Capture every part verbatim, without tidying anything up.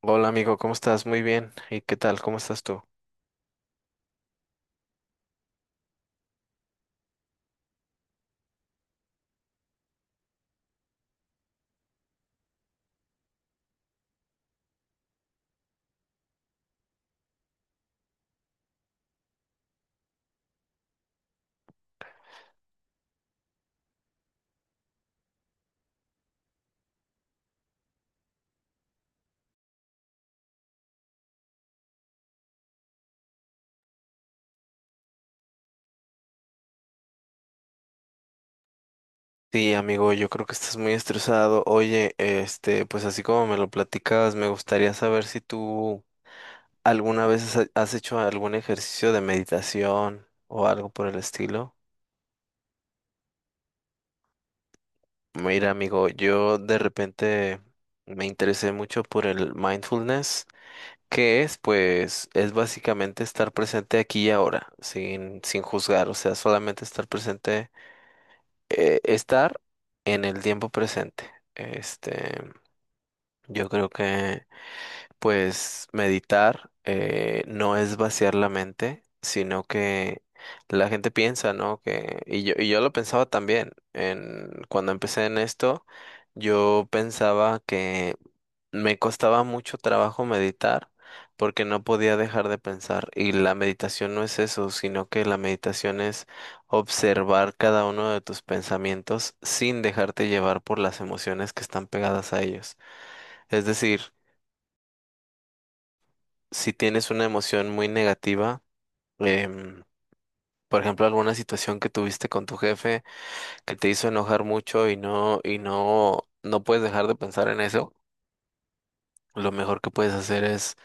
Hola amigo, ¿cómo estás? Muy bien. ¿Y qué tal? ¿Cómo estás tú? Sí, amigo, yo creo que estás muy estresado. Oye, este, pues así como me lo platicabas, me gustaría saber si tú alguna vez has has hecho algún ejercicio de meditación o algo por el estilo. Mira, amigo, yo de repente me interesé mucho por el mindfulness, que es, pues, es básicamente estar presente aquí y ahora, sin, sin juzgar, o sea, solamente estar presente eh, estar en el tiempo presente. Este, yo creo que, pues, meditar eh, no es vaciar la mente, sino que la gente piensa, ¿no? Que, y yo, y yo lo pensaba también. En, cuando empecé en esto, yo pensaba que me costaba mucho trabajo meditar porque no podía dejar de pensar y la meditación no es eso, sino que la meditación es observar cada uno de tus pensamientos sin dejarte llevar por las emociones que están pegadas a ellos. Es decir, si tienes una emoción muy negativa, em, por ejemplo, alguna situación que tuviste con tu jefe que te hizo enojar mucho y no y no no puedes dejar de pensar en eso, lo mejor que puedes hacer es.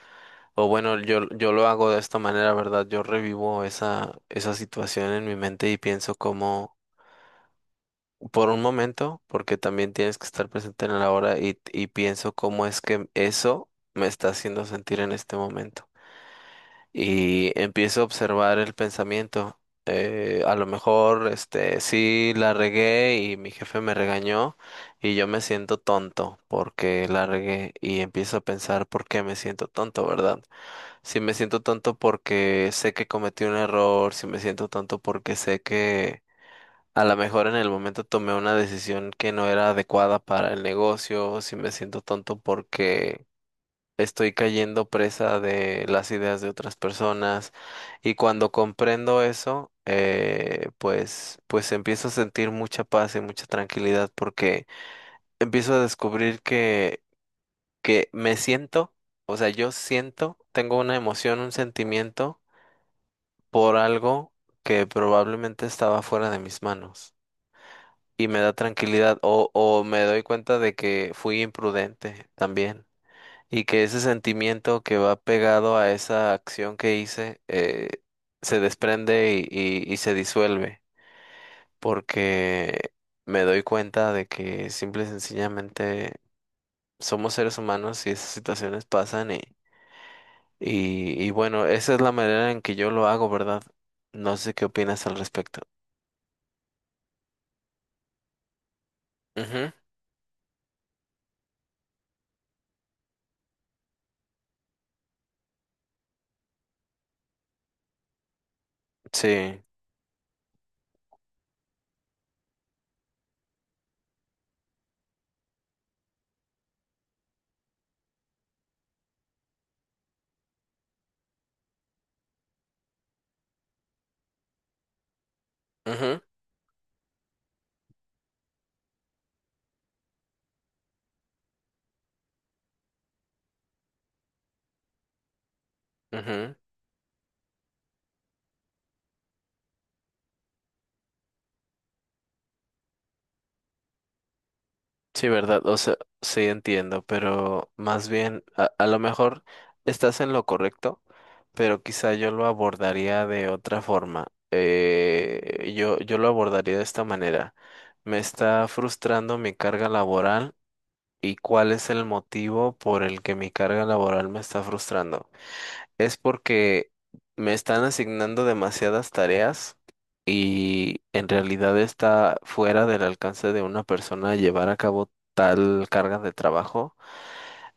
O bueno, yo, yo lo hago de esta manera, ¿verdad? Yo revivo esa, esa situación en mi mente y pienso como, por un momento, porque también tienes que estar presente en la hora y, y pienso cómo es que eso me está haciendo sentir en este momento. Y empiezo a observar el pensamiento. Eh, a lo mejor, este, sí la regué y mi jefe me regañó y yo me siento tonto porque la regué y empiezo a pensar por qué me siento tonto, ¿verdad? Si me siento tonto porque sé que cometí un error, si me siento tonto porque sé que a lo mejor en el momento tomé una decisión que no era adecuada para el negocio, si me siento tonto porque estoy cayendo presa de las ideas de otras personas. Y cuando comprendo eso, eh, pues, pues empiezo a sentir mucha paz y mucha tranquilidad porque empiezo a descubrir que, que me siento, o sea, yo siento, tengo una emoción, un sentimiento por algo que probablemente estaba fuera de mis manos y me da tranquilidad o, o me doy cuenta de que fui imprudente también y que ese sentimiento que va pegado a esa acción que hice eh, se desprende y, y, y se disuelve porque me doy cuenta de que simple y sencillamente somos seres humanos y esas situaciones pasan y, y, y bueno, esa es la manera en que yo lo hago, ¿verdad? No sé qué opinas al respecto. Ujú. Sí, ujú, ujú. Sí, verdad, o sea, sí entiendo, pero más bien, a, a lo mejor estás en lo correcto, pero quizá yo lo abordaría de otra forma. Eh, yo, yo lo abordaría de esta manera. Me está frustrando mi carga laboral y cuál es el motivo por el que mi carga laboral me está frustrando. Es porque me están asignando demasiadas tareas y en realidad está fuera del alcance de una persona llevar a cabo tal carga de trabajo.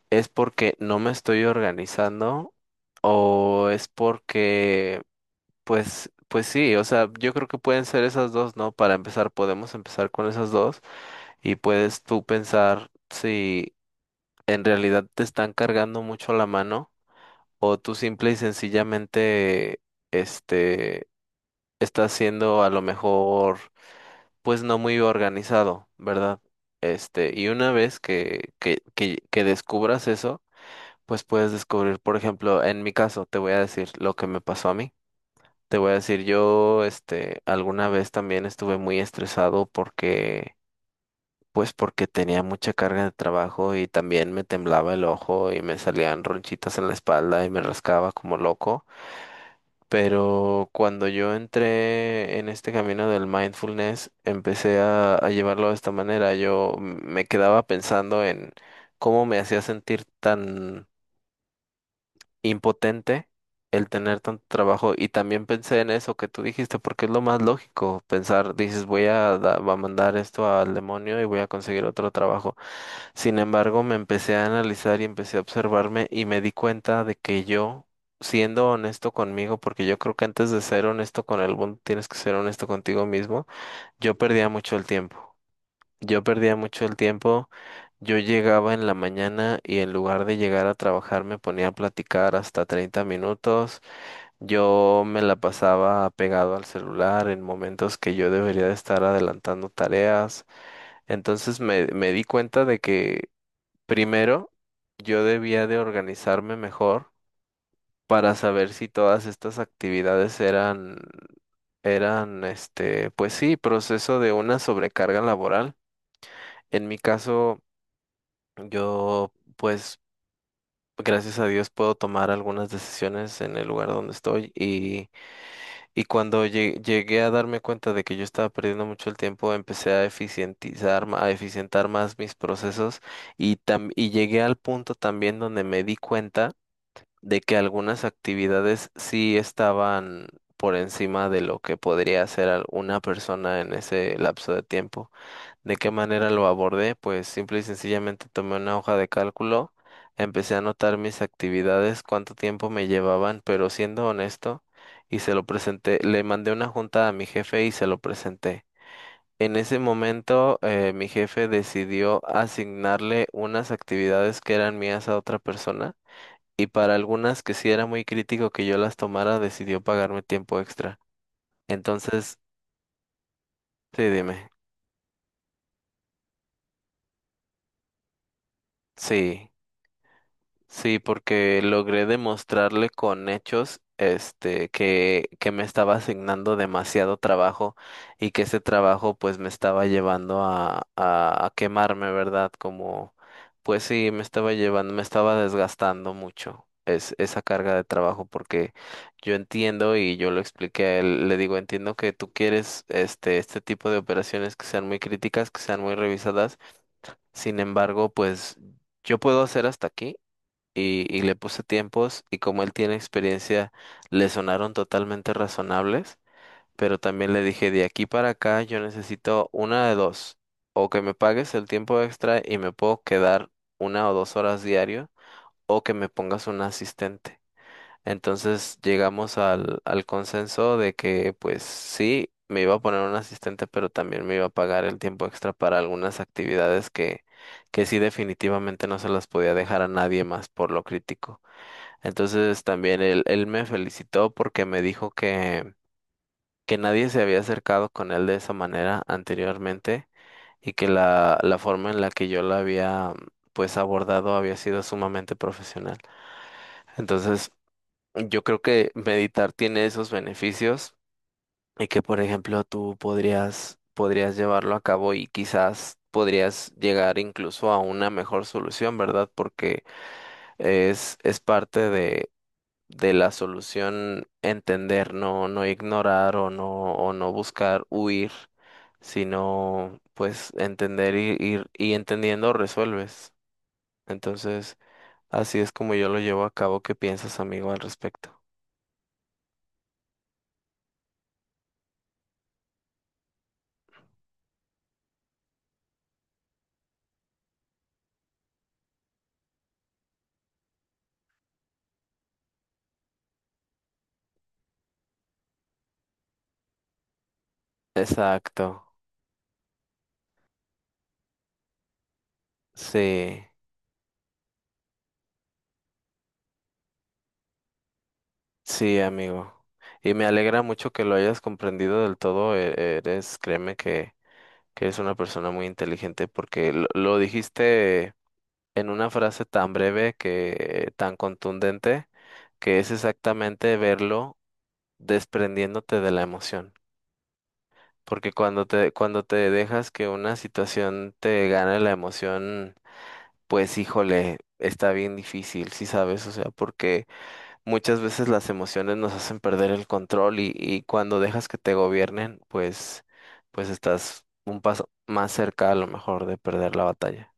Es porque no me estoy organizando o es porque, pues, pues sí, o sea, yo creo que pueden ser esas dos, ¿no? Para empezar, podemos empezar con esas dos y puedes tú pensar si en realidad te están cargando mucho la mano o tú simple y sencillamente, este, estás siendo a lo mejor, pues no muy organizado, ¿verdad? Este, y una vez que, que, que, que descubras eso, pues puedes descubrir, por ejemplo, en mi caso, te voy a decir lo que me pasó a mí. Te voy a decir, yo, este, alguna vez también estuve muy estresado porque, pues porque tenía mucha carga de trabajo y también me temblaba el ojo y me salían ronchitas en la espalda y me rascaba como loco. Pero cuando yo entré en este camino del mindfulness, empecé a, a llevarlo de esta manera. Yo m- me quedaba pensando en cómo me hacía sentir tan impotente el tener tanto trabajo. Y también pensé en eso que tú dijiste, porque es lo más lógico pensar, dices, voy a, da- a mandar esto al demonio y voy a conseguir otro trabajo. Sin embargo, me empecé a analizar y empecé a observarme y me di cuenta de que yo, siendo honesto conmigo, porque yo creo que antes de ser honesto con el mundo tienes que ser honesto contigo mismo, yo perdía mucho el tiempo. Yo perdía mucho el tiempo. Yo llegaba en la mañana y en lugar de llegar a trabajar me ponía a platicar hasta treinta minutos. Yo me la pasaba pegado al celular en momentos que yo debería de estar adelantando tareas. Entonces me, me di cuenta de que primero, yo debía de organizarme mejor para saber si todas estas actividades eran, eran, este, pues sí, proceso de una sobrecarga laboral. En mi caso, yo, pues, gracias a Dios puedo tomar algunas decisiones en el lugar donde estoy y, y cuando lle- llegué a darme cuenta de que yo estaba perdiendo mucho el tiempo, empecé a eficientizar, ma- a eficientar más mis procesos y, tam- y llegué al punto también donde me di cuenta de que algunas actividades sí estaban por encima de lo que podría hacer al- una persona en ese lapso de tiempo. ¿De qué manera lo abordé? Pues simple y sencillamente tomé una hoja de cálculo, empecé a anotar mis actividades, cuánto tiempo me llevaban, pero siendo honesto, y se lo presenté, le mandé una junta a mi jefe y se lo presenté. En ese momento, eh, mi jefe decidió asignarle unas actividades que eran mías a otra persona y para algunas que sí era muy crítico que yo las tomara, decidió pagarme tiempo extra. Entonces, sí, dime. Sí. Sí, porque logré demostrarle con hechos, este, que, que me estaba asignando demasiado trabajo y que ese trabajo pues me estaba llevando a, a, a quemarme, ¿verdad? Como, pues sí, me estaba llevando, me estaba desgastando mucho es, esa carga de trabajo porque yo entiendo y yo lo expliqué a él, le digo, entiendo que tú quieres este, este tipo de operaciones que sean muy críticas, que sean muy revisadas, sin embargo, pues yo puedo hacer hasta aquí y, y le puse tiempos y como él tiene experiencia, le sonaron totalmente razonables, pero también le dije, de aquí para acá yo necesito una de dos, o que me pagues el tiempo extra y me puedo quedar una o dos horas diario, o que me pongas un asistente. Entonces llegamos al, al consenso de que pues sí, me iba a poner un asistente, pero también me iba a pagar el tiempo extra para algunas actividades que, que sí definitivamente no se las podía dejar a nadie más por lo crítico. Entonces también él, él me felicitó porque me dijo que, que nadie se había acercado con él de esa manera anteriormente y que la, la forma en la que yo la había pues abordado había sido sumamente profesional. Entonces yo creo que meditar tiene esos beneficios y que por ejemplo tú podrías, podrías llevarlo a cabo y quizás podrías llegar incluso a una mejor solución, ¿verdad? Porque es, es parte de la solución entender, no, no ignorar o no, o no buscar huir, sino pues entender y, ir y entendiendo resuelves. Entonces, así es como yo lo llevo a cabo. ¿Qué piensas, amigo, al respecto? Exacto. Sí, sí, amigo. Y me alegra mucho que lo hayas comprendido del todo. e- Eres, créeme que, que eres una persona muy inteligente porque lo lo dijiste en una frase tan breve que tan contundente, que es exactamente verlo desprendiéndote de la emoción. Porque cuando te, cuando te dejas que una situación te gane la emoción, pues híjole, está bien difícil, ¿sí sabes? O sea, porque muchas veces las emociones nos hacen perder el control y, y cuando dejas que te gobiernen, pues, pues estás un paso más cerca a lo mejor de perder la batalla.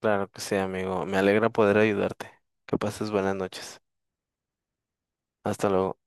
Claro que sí, amigo. Me alegra poder ayudarte. Que pases buenas noches. Hasta luego.